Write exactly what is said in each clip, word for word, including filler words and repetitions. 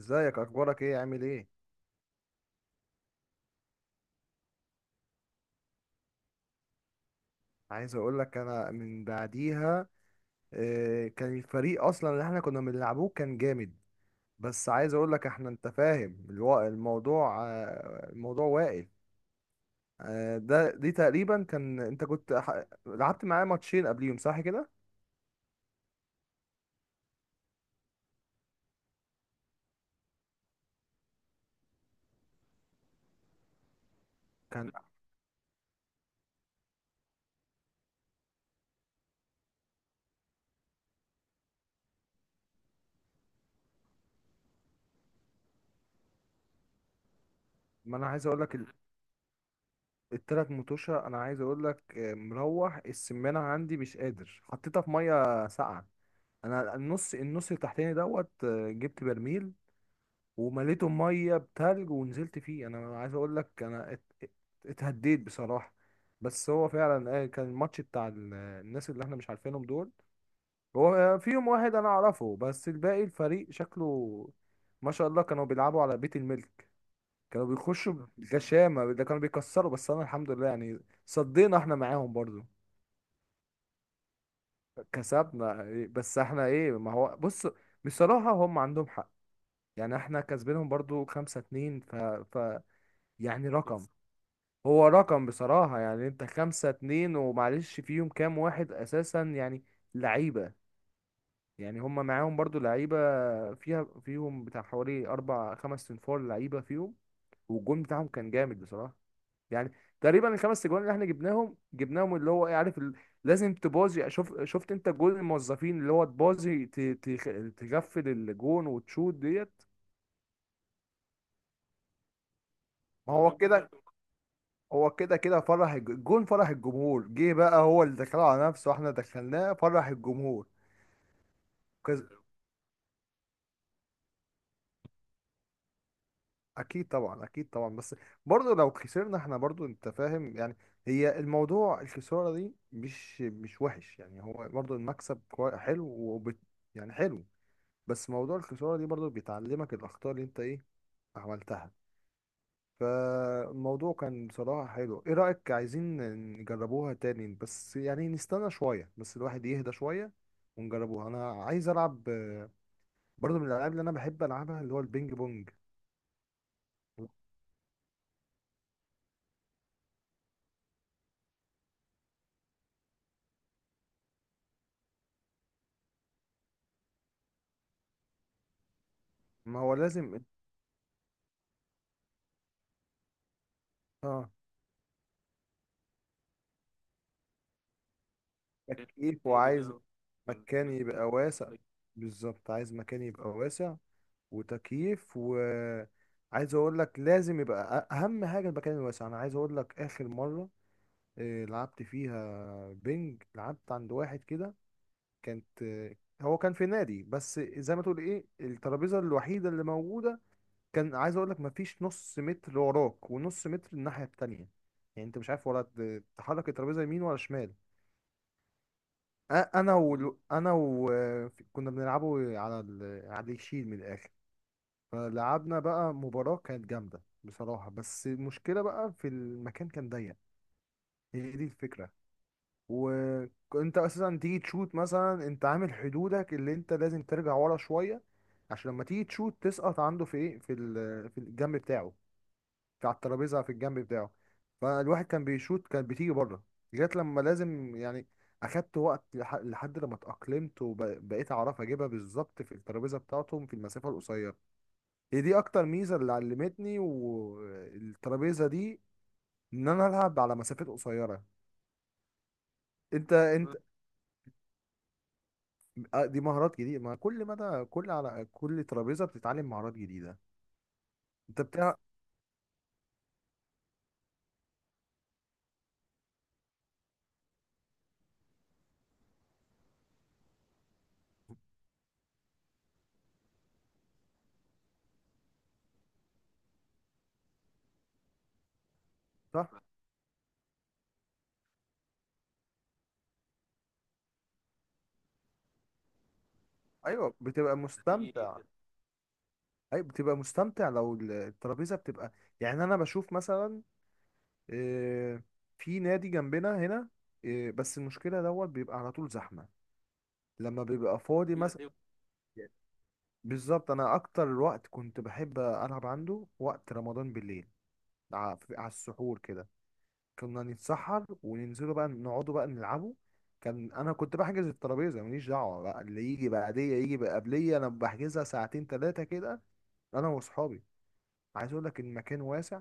ازيك؟ اخبارك ايه؟ عامل ايه؟ عايز اقول لك، انا من بعديها. آه، كان الفريق اصلا اللي احنا كنا بنلعبوه كان جامد. بس عايز اقول لك، احنا انت فاهم الوا- الموضوع آه، الموضوع واقف. آه، ده دي تقريبا، كان انت كنت ح- لعبت معايا ماتشين قبليهم، صح كده؟ كان. ما انا عايز اقول لك ال- التلات متوشة، انا عايز اقول لك، آه، مروح السمانة عندي، مش قادر، حطيتها في مية ساقعة. انا النص النص التحتاني دوت، آه، جبت برميل ومليته ميه بتلج ونزلت فيه. انا عايز اقول لك، انا ات- ات- اتهديت بصراحه. بس هو فعلا، آه، كان الماتش بتاع ال- الناس اللي احنا مش عارفينهم دول. هو آه، فيهم واحد انا اعرفه، بس الباقي الفريق شكله ما شاء الله، كانوا بيلعبوا على بيت الملك. كانوا بيخشوا بغشامه، ده كانوا بيكسروا، بس انا الحمد لله يعني صدينا احنا معاهم برضو. كسبنا. بس احنا ايه، ما هو بص، بصراحه هم عندهم حق. يعني احنا كسبينهم برضو خمسة اتنين ف... ف. يعني رقم، هو رقم بصراحة، يعني انت خمسة اتنين ومعلش فيهم كام واحد اساسا يعني لعيبة. يعني هما معاهم برضو لعيبة. فيها فيهم بتاع حوالي اربع خمس تنفار لعيبة فيهم. والجون بتاعهم كان جامد بصراحة. يعني تقريبا الخمس اجوان اللي احنا جبناهم جبناهم اللي هو ايه، عارف ال... لازم تبازي، شوف شفت انت جول الموظفين اللي هو تبازي، ت... ت... تغفل الجون وتشوت ديت. ما هو كده. هو كده كده فرح الج- الجون، فرح الجمهور، جه بقى هو اللي دخله على نفسه واحنا دخلناه، فرح الجمهور. كز... اكيد طبعا، اكيد طبعا، بس برضه لو خسرنا احنا برضه انت فاهم يعني. هي الموضوع، الخسارة دي مش مش وحش يعني، هو برضه المكسب كوي... حلو وبت... يعني حلو. بس موضوع الخسارة دي برضه بيتعلمك الأخطاء اللي انت ايه، عملتها. فالموضوع كان بصراحة حلو. ايه رأيك؟ عايزين نجربوها تاني، بس يعني نستنى شوية، بس الواحد يهدى شوية ونجربوها. انا عايز العب، آه، برضو من الالعاب اللي انا بحب العبها اللي هو البينج بونج. ما هو لازم. اه، تكييف. وعايز مكان يبقى واسع. بالظبط، عايز مكان يبقى واسع وتكييف، وعايز اقول لك، لازم يبقى أ- اهم حاجة المكان الواسع. انا عايز اقول لك، اخر مرة آه، لعبت فيها بينج، لعبت عند واحد كده. كانت آه، هو كان في نادي، بس زي ما تقول ايه، الترابيزه الوحيده اللي موجوده. كان عايز اقول لك، مفيش نص متر وراك ونص متر الناحيه التانية. يعني انت مش عارف ولا ت- تحرك الترابيزه يمين ولا شمال. أ- انا و انا و آه، كنا بنلعبه على ال... على الشيل من الاخر. فلعبنا بقى مباراه كانت جامده بصراحه، بس المشكله بقى في المكان كان ضيق. هي دي الفكره. وانت اساسا تيجي تشوت مثلا، انت عامل حدودك اللي انت لازم ترجع ورا شويه عشان لما تيجي تشوت تسقط عنده في ايه، في ال- في الجنب بتاعه. في على الترابيزه، في الجنب بتاعه. فالواحد كان بيشوت كانت بتيجي بره. جت لما لازم يعني اخدت وقت لح- لحد لما اتاقلمت وبقيت اعرف اجيبها بالظبط في الترابيزه بتاعتهم في المسافه القصيره. هي دي اكتر ميزه اللي علمتني والترابيزه دي، ان انا العب على مسافات قصيره. انت انت آه، دي مهارات جديدة، ما كل مدى كل على كل ترابيزة بتتعلم مهارات جديدة. انت بتاع. صح. ايوه، بتبقى مستمتع. ايوه، بتبقى مستمتع لو ال- الترابيزة بتبقى، يعني انا بشوف مثلا، آه، في نادي جنبنا هنا، آه، بس المشكلة دوت بيبقى على طول زحمة. لما بيبقى فاضي مثلا، بالظبط، انا اكتر وقت كنت بحب العب عنده وقت رمضان بالليل، ع- على السحور كده. كنا نتسحر وننزلوا بقى نقعدوا بقى نلعبوا. كان انا كنت بحجز الترابيزه، ماليش دعوه بقى، اللي يجي بعديه يجي بقبليه، انا بحجزها ساعتين ثلاثه كده، انا واصحابي. عايز اقول لك، المكان واسع،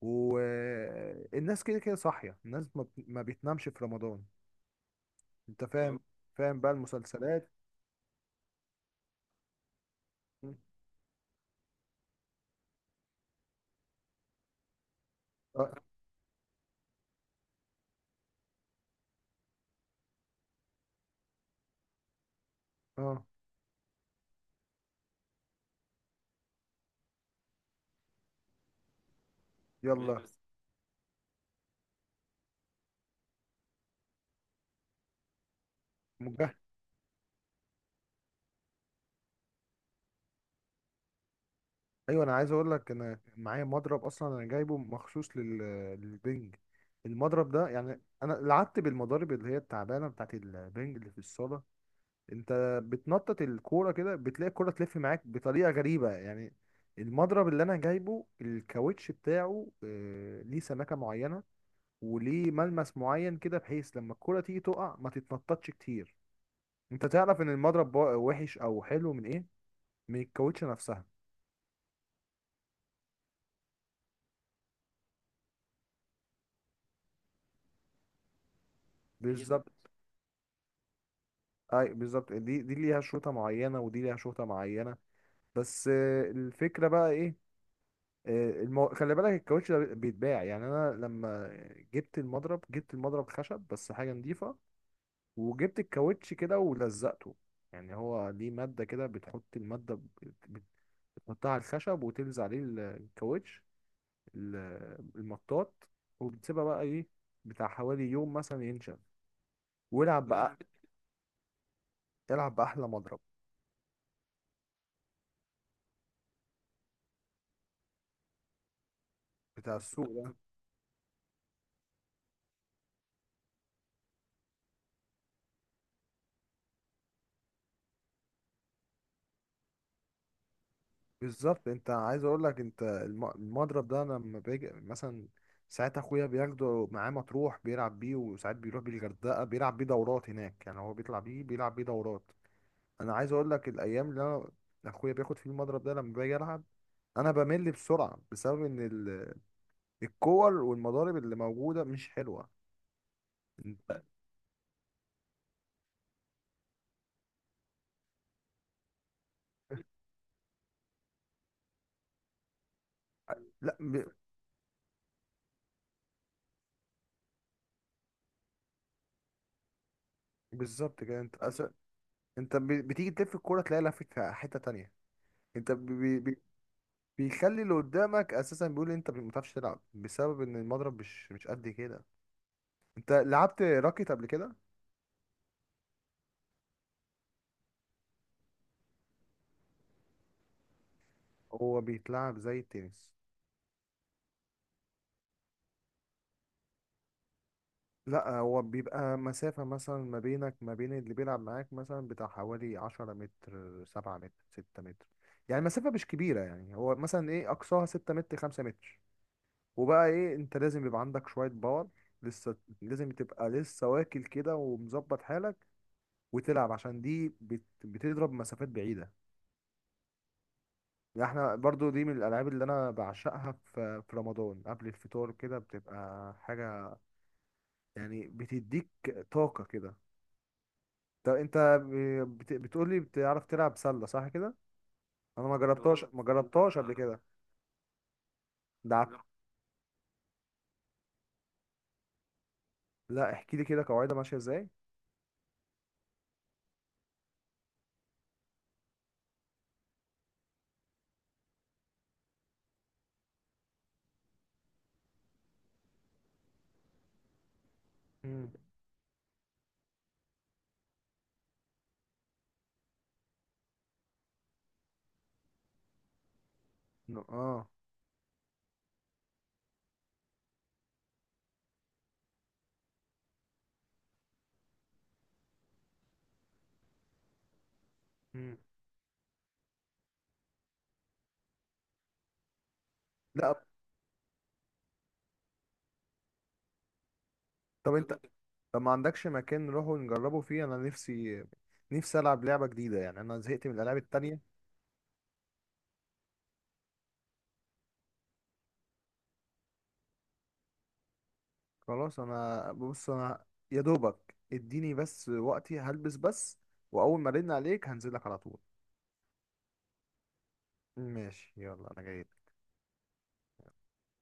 والناس كده كده صاحيه، الناس ما بت- ما بتنامش في رمضان. انت، اه، فاهم، اه، فاهم بقى المسلسلات. اه. آه. ايوه. يلا. بس. ايوه، انا عايز اقول لك، انا معايا مضرب اصلا، انا جايبه مخصوص لل... للبنج. المضرب ده يعني، انا لعبت بالمضارب اللي هي التعبانه بتاعت البنج اللي في الصاله. انت بتنطط الكوره كده، بتلاقي الكوره تلف معاك بطريقه غريبه يعني. المضرب اللي انا جايبه، الكاوتش بتاعه آه، ليه سمكه معينه، وليه ملمس معين كده بحيث لما الكوره تيجي تقع ما تتنططش كتير. انت تعرف ان المضرب بو- وحش او حلو من ايه؟ من الكاوتش نفسها. يلا، بالظبط. اي بالظبط، دي دي ليها شوطة معينة ودي ليها شوطة معينة. بس آه، الفكرة بقى ايه؟ آه، المو... خلي بالك، الكاوتش ده بيتباع يعني. انا لما جبت المضرب جبت المضرب خشب بس حاجة نضيفة، وجبت الكاوتش كده ولزقته. يعني هو ليه مادة كده، بتحط المادة بت- بت- بتحطها على الخشب وتلزق عليه ال- الكاوتش، ال- المطاط. وبتسيبها بقى ايه، بتاع حوالي يوم مثلا ينشف، والعب بقى، العب بأحلى مضرب بتاع السوق. بالظبط، انت عايز اقول لك، انت الم- المضرب ده لما باجي مثلا، ساعات اخويا بياخده معاه مطروح بيلعب بيه، وساعات بيروح بيه الغردقه بيلعب بيه دورات هناك، يعني هو بيطلع بيه بيلعب بيه دورات. انا عايز اقول لك، الايام اللي انا اخويا بياخد فيه المضرب ده لما باجي العب، انا بمل بسرعه بسبب ان ال- الكور والمضارب اللي موجوده مش حلوه. انت لا، ب... بالظبط كده، انت أس... انت ب... بتيجي تلف الكوره تلاقي لفت في حته تانية. انت ب... ب... بيخلي اللي قدامك اساسا بيقول إيه، انت ما بتعرفش تلعب بسبب ان المضرب مش مش قد كده. انت لعبت راكت قبل كده؟ هو بيتلعب زي التنس. لا، هو بيبقى مسافة مثلا ما بينك ما بين اللي بيلعب معاك، مثلا بتاع حوالي عشرة متر، سبعة متر، ستة متر. يعني مسافة مش كبيرة، يعني هو مثلا ايه، أقصاها ستة متر، خمسة متر. وبقى ايه، انت لازم يبقى عندك شوية باور، لسه لازم تبقى لسه واكل كده ومظبط حالك وتلعب، عشان دي بت... بتضرب مسافات بعيدة. يعني احنا برضو دي من الالعاب اللي انا بعشقها في في رمضان، قبل الفطار كده بتبقى حاجه، يعني بتديك طاقه كده. طب انت ب- بت- بتقولي بتعرف تلعب سله، صح كده؟ انا ما جربتهاش، اه، ما جربتهاش قبل كده ده لا. لا، احكي لي كده قواعدها ماشيه ازاي. مم. اه. مم. لا. طب انت طب ما عندكش مكان نروحوا نجربه فيه؟ انا نفسي، نفسي العب لعبه جديده، يعني انا زهقت من الالعاب التانية. خلاص، انا بص، انا يا دوبك اديني بس وقتي، هلبس بس، واول ما ارن عليك هنزلك على طول. ماشي، يلا، انا جاي.